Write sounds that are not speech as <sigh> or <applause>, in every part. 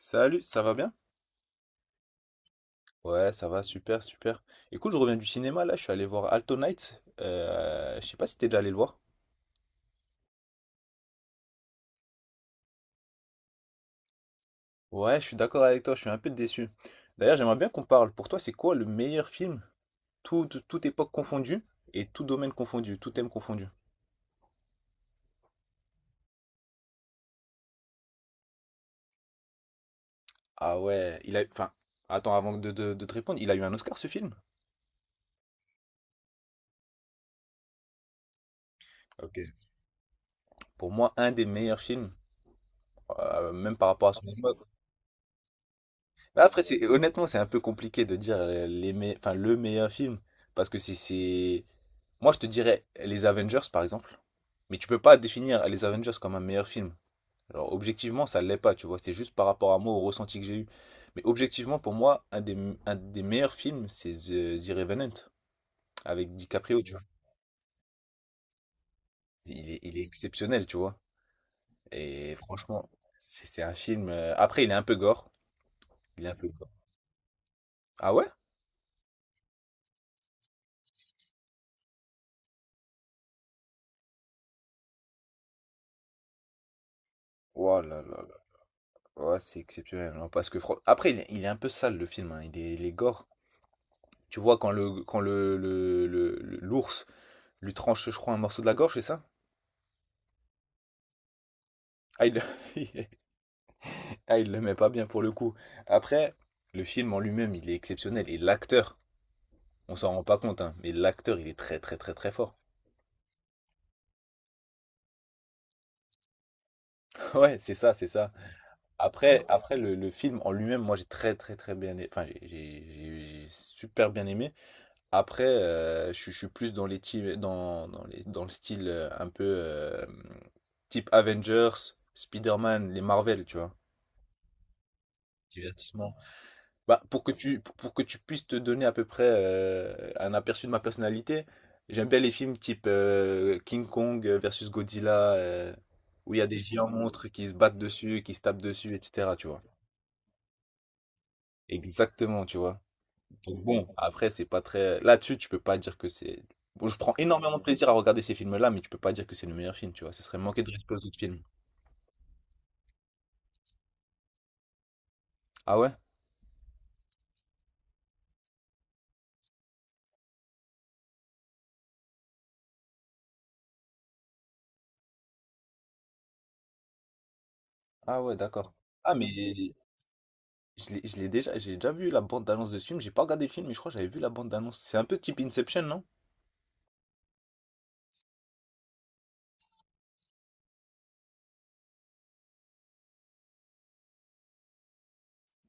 Salut, ça va bien? Ouais, ça va, super, super. Écoute, je reviens du cinéma, là, je suis allé voir Alto Night. Je sais pas si t'es déjà allé le voir. Ouais, je suis d'accord avec toi, je suis un peu déçu. D'ailleurs, j'aimerais bien qu'on parle. Pour toi, c'est quoi le meilleur film? Toute époque confondue et tout domaine confondu, tout thème confondu. Ah ouais, il a... Enfin, attends, avant de te répondre, il a eu un Oscar, ce film? Ok. Pour moi, un des meilleurs films, même par rapport à son époque. Mais après, honnêtement, c'est un peu compliqué de dire le meilleur film. Parce que c'est, c'est. Moi, je te dirais les Avengers, par exemple. Mais tu peux pas définir les Avengers comme un meilleur film. Alors, objectivement, ça l'est pas, tu vois. C'est juste par rapport à moi, au ressenti que j'ai eu. Mais objectivement, pour moi, un des meilleurs films, c'est The Revenant, avec DiCaprio, tu vois. Il est exceptionnel, tu vois. Et franchement, c'est un film. Après, il est un peu gore. Il est un peu gore. Ah ouais? Oh là là. Ouais, c'est exceptionnel, hein, parce que après il est un peu sale le film, hein, il est gore. Tu vois quand l'ours lui tranche, je crois, un morceau de la gorge, c'est ça? Ah il, le... <laughs> ah, il le met pas bien pour le coup. Après, le film en lui-même, il est exceptionnel et l'acteur, on s'en rend pas compte, hein, mais l'acteur, il est très très très très fort. <laughs> Ouais, c'est ça, c'est ça. Après le film en lui-même, moi j'ai très très très bien, a- enfin j'ai super bien aimé. Après, je suis plus dans les teams- dans, dans les, dans le style un peu type Avengers, Spider-Man, les Marvel, tu vois, divertissement. Bah, pour que tu puisses te donner à peu près un aperçu de ma personnalité, j'aime bien les films type King Kong versus Godzilla, où il y a des géants monstres qui se battent dessus, qui se tapent dessus, etc., tu vois. Exactement, tu vois. Donc bon, après, c'est pas très. Là-dessus, tu peux pas dire que c'est. Bon, je prends énormément de plaisir à regarder ces films-là, mais tu peux pas dire que c'est le meilleur film, tu vois. Ce serait manquer de respect aux autres films. Ah ouais? Ah ouais, d'accord. Ah, mais j'ai déjà vu la bande-annonce de ce film. J'ai pas regardé le film, mais je crois que j'avais vu la bande-annonce. C'est un peu type Inception, non?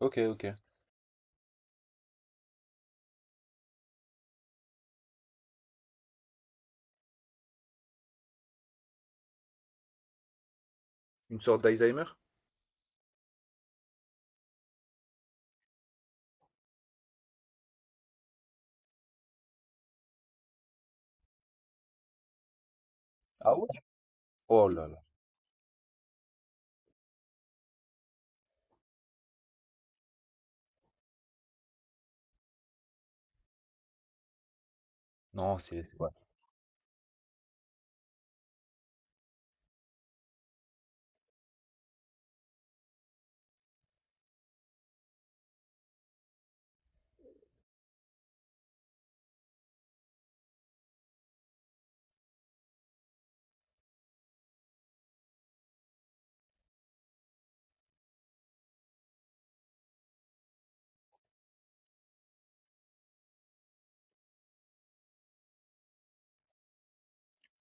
Ok, ok. Une sorte d'Alzheimer? Ah ouais? Oh là là. Non, c'est. C'est- Ouais.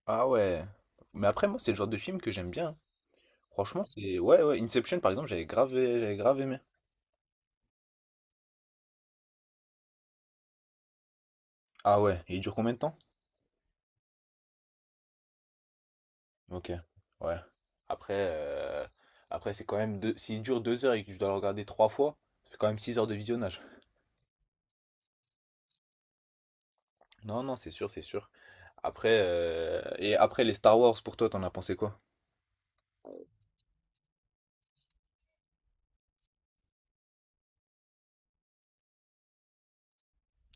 Ah ouais. Mais après, moi, c'est le genre de film que j'aime bien. Franchement, c'est. Ouais, ouais. Inception, par exemple, j'avais grave aimé. Ah ouais. Et il dure combien de temps? Ok, ouais. Après, c'est quand même s'il dure 2 heures et que je dois le regarder 3 fois, ça fait quand même 6 heures de visionnage. Non, non, c'est sûr, c'est sûr. Après, les Star Wars pour toi, t'en as pensé quoi?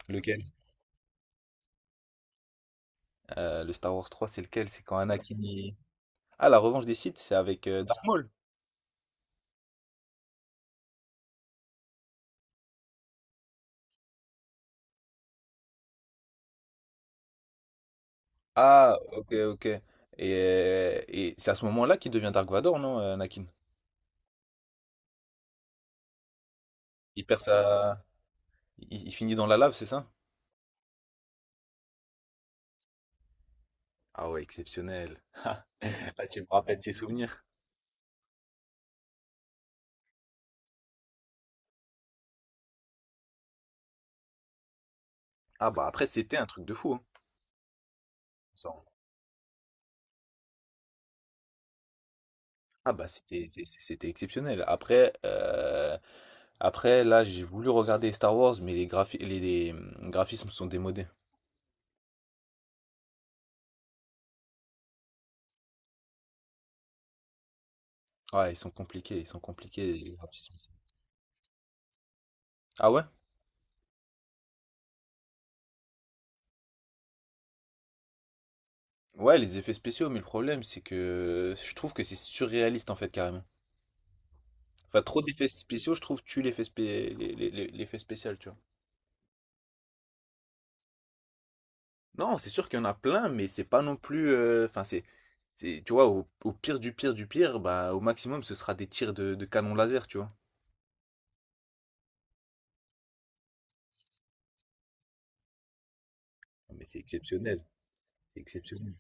Lequel? Le Star Wars 3, c'est lequel? C'est quand Anakin. Il- Ah, la revanche des Sith, c'est avec Darth Maul. Ah, ok, ok. Et c'est à ce moment-là qu'il devient Dark Vador, non, Anakin? Il perd sa. Il finit dans la lave, c'est ça? Ah ouais, exceptionnel. <laughs> Là, tu me rappelles tes souvenirs. Ah bah après c'était un truc de fou, hein. Ça, on- Ah bah c'était exceptionnel. Après là j'ai voulu regarder Star Wars mais les graphismes sont démodés. Ils sont compliqués les graphismes. Ah ouais? Ouais les effets spéciaux mais le problème c'est que je trouve que c'est surréaliste en fait carrément. Enfin trop d'effets spéciaux je trouve tue l'effet spé- les- l'effet spécial tu vois. Non, c'est sûr qu'il y en a plein, mais c'est pas non plus. Enfin, c'est, tu vois, au pire du pire du pire, bah, au maximum, ce sera des tirs de canon laser, tu vois. Mais c'est exceptionnel, c'est exceptionnel.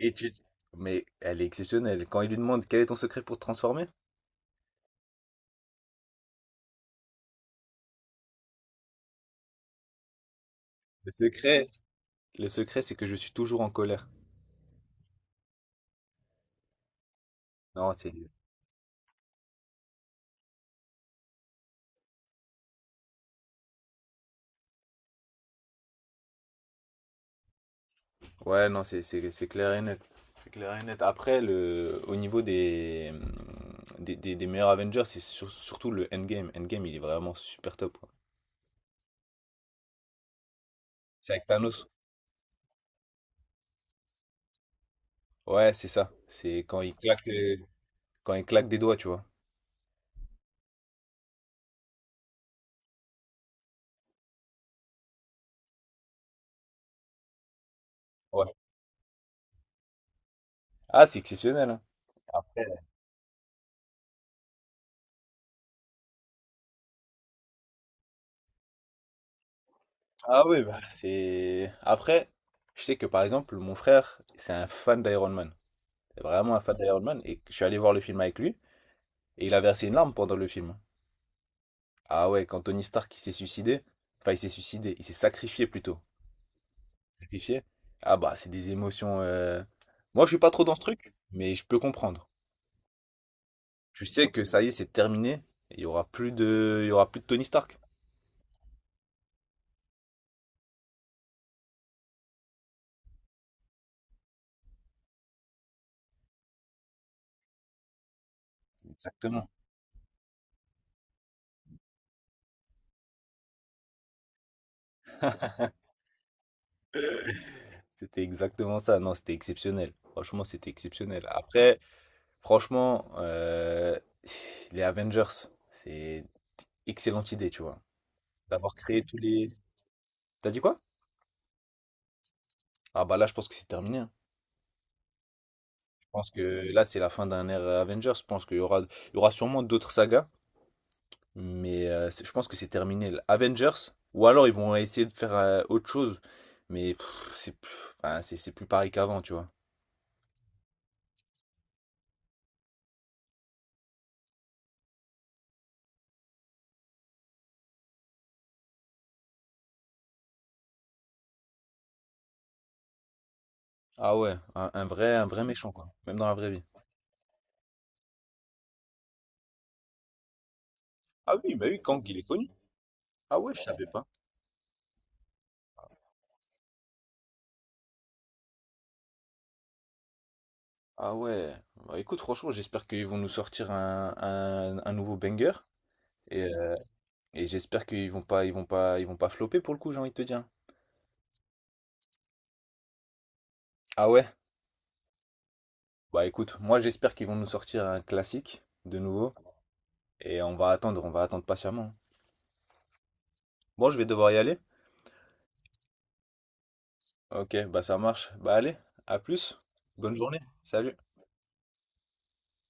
Et tu... Mais elle est exceptionnelle. Quand il lui demande quel est ton secret pour te transformer? Le secret. Le secret, c'est que je suis toujours en colère. Non, c'est... Ouais, non, c'est clair et net. C'est clair et net. Après, au niveau des meilleurs Avengers, c'est surtout le Endgame. Endgame, il est vraiment super top, quoi. C'est avec Thanos. Ouais, c'est ça. C'est quand il claque des doigts, tu vois. Ouais. Ah, c'est exceptionnel, hein. Après- Ah oui, bah, c'est. Après, je sais que par exemple, mon frère, c'est un fan d'Iron Man. C'est vraiment un fan d'Iron Man. Et je suis allé voir le film avec lui. Et il a versé une larme pendant le film. Ah ouais, quand Tony Stark il s'est suicidé. Enfin, il s'est suicidé. Il s'est sacrifié plutôt. Sacrifié. Ah bah, c'est des émotions. Moi, je suis pas trop dans ce truc, mais je peux comprendre. Tu sais que ça y est, c'est terminé. Il y aura plus de Tony Stark. Exactement. C'était exactement ça. Non, c'était exceptionnel. Franchement, c'était exceptionnel. Après, franchement, les Avengers, c'est excellente idée, tu vois. D'avoir créé tous les... T'as dit quoi? Ah bah là, je pense que c'est terminé, hein. Je pense que là, c'est la fin d'un ère Avengers. Je pense il y aura sûrement d'autres sagas, mais je pense que c'est terminé. Avengers, ou alors ils vont essayer de faire autre chose, mais pff, c'est plus, enfin, c'est plus pareil qu'avant, tu vois. Ah ouais, un vrai méchant, quoi. Même dans la vraie vie. Ah oui, bah oui, Kang, il est connu. Ah ouais, je. Ouais, savais pas. Ah ouais. Bah, écoute, franchement, j'espère qu'ils vont nous sortir un nouveau banger. Et, euh, et j'espère qu'ils vont pas, ils vont pas, ils vont pas flopper pour le coup, j'ai envie de te dire. Ah ouais? Bah écoute, moi j'espère qu'ils vont nous sortir un classique de nouveau. Et on va attendre patiemment. Bon, je vais devoir y aller. Ok, bah ça marche. Bah allez, à plus. Bonne journée. Salut.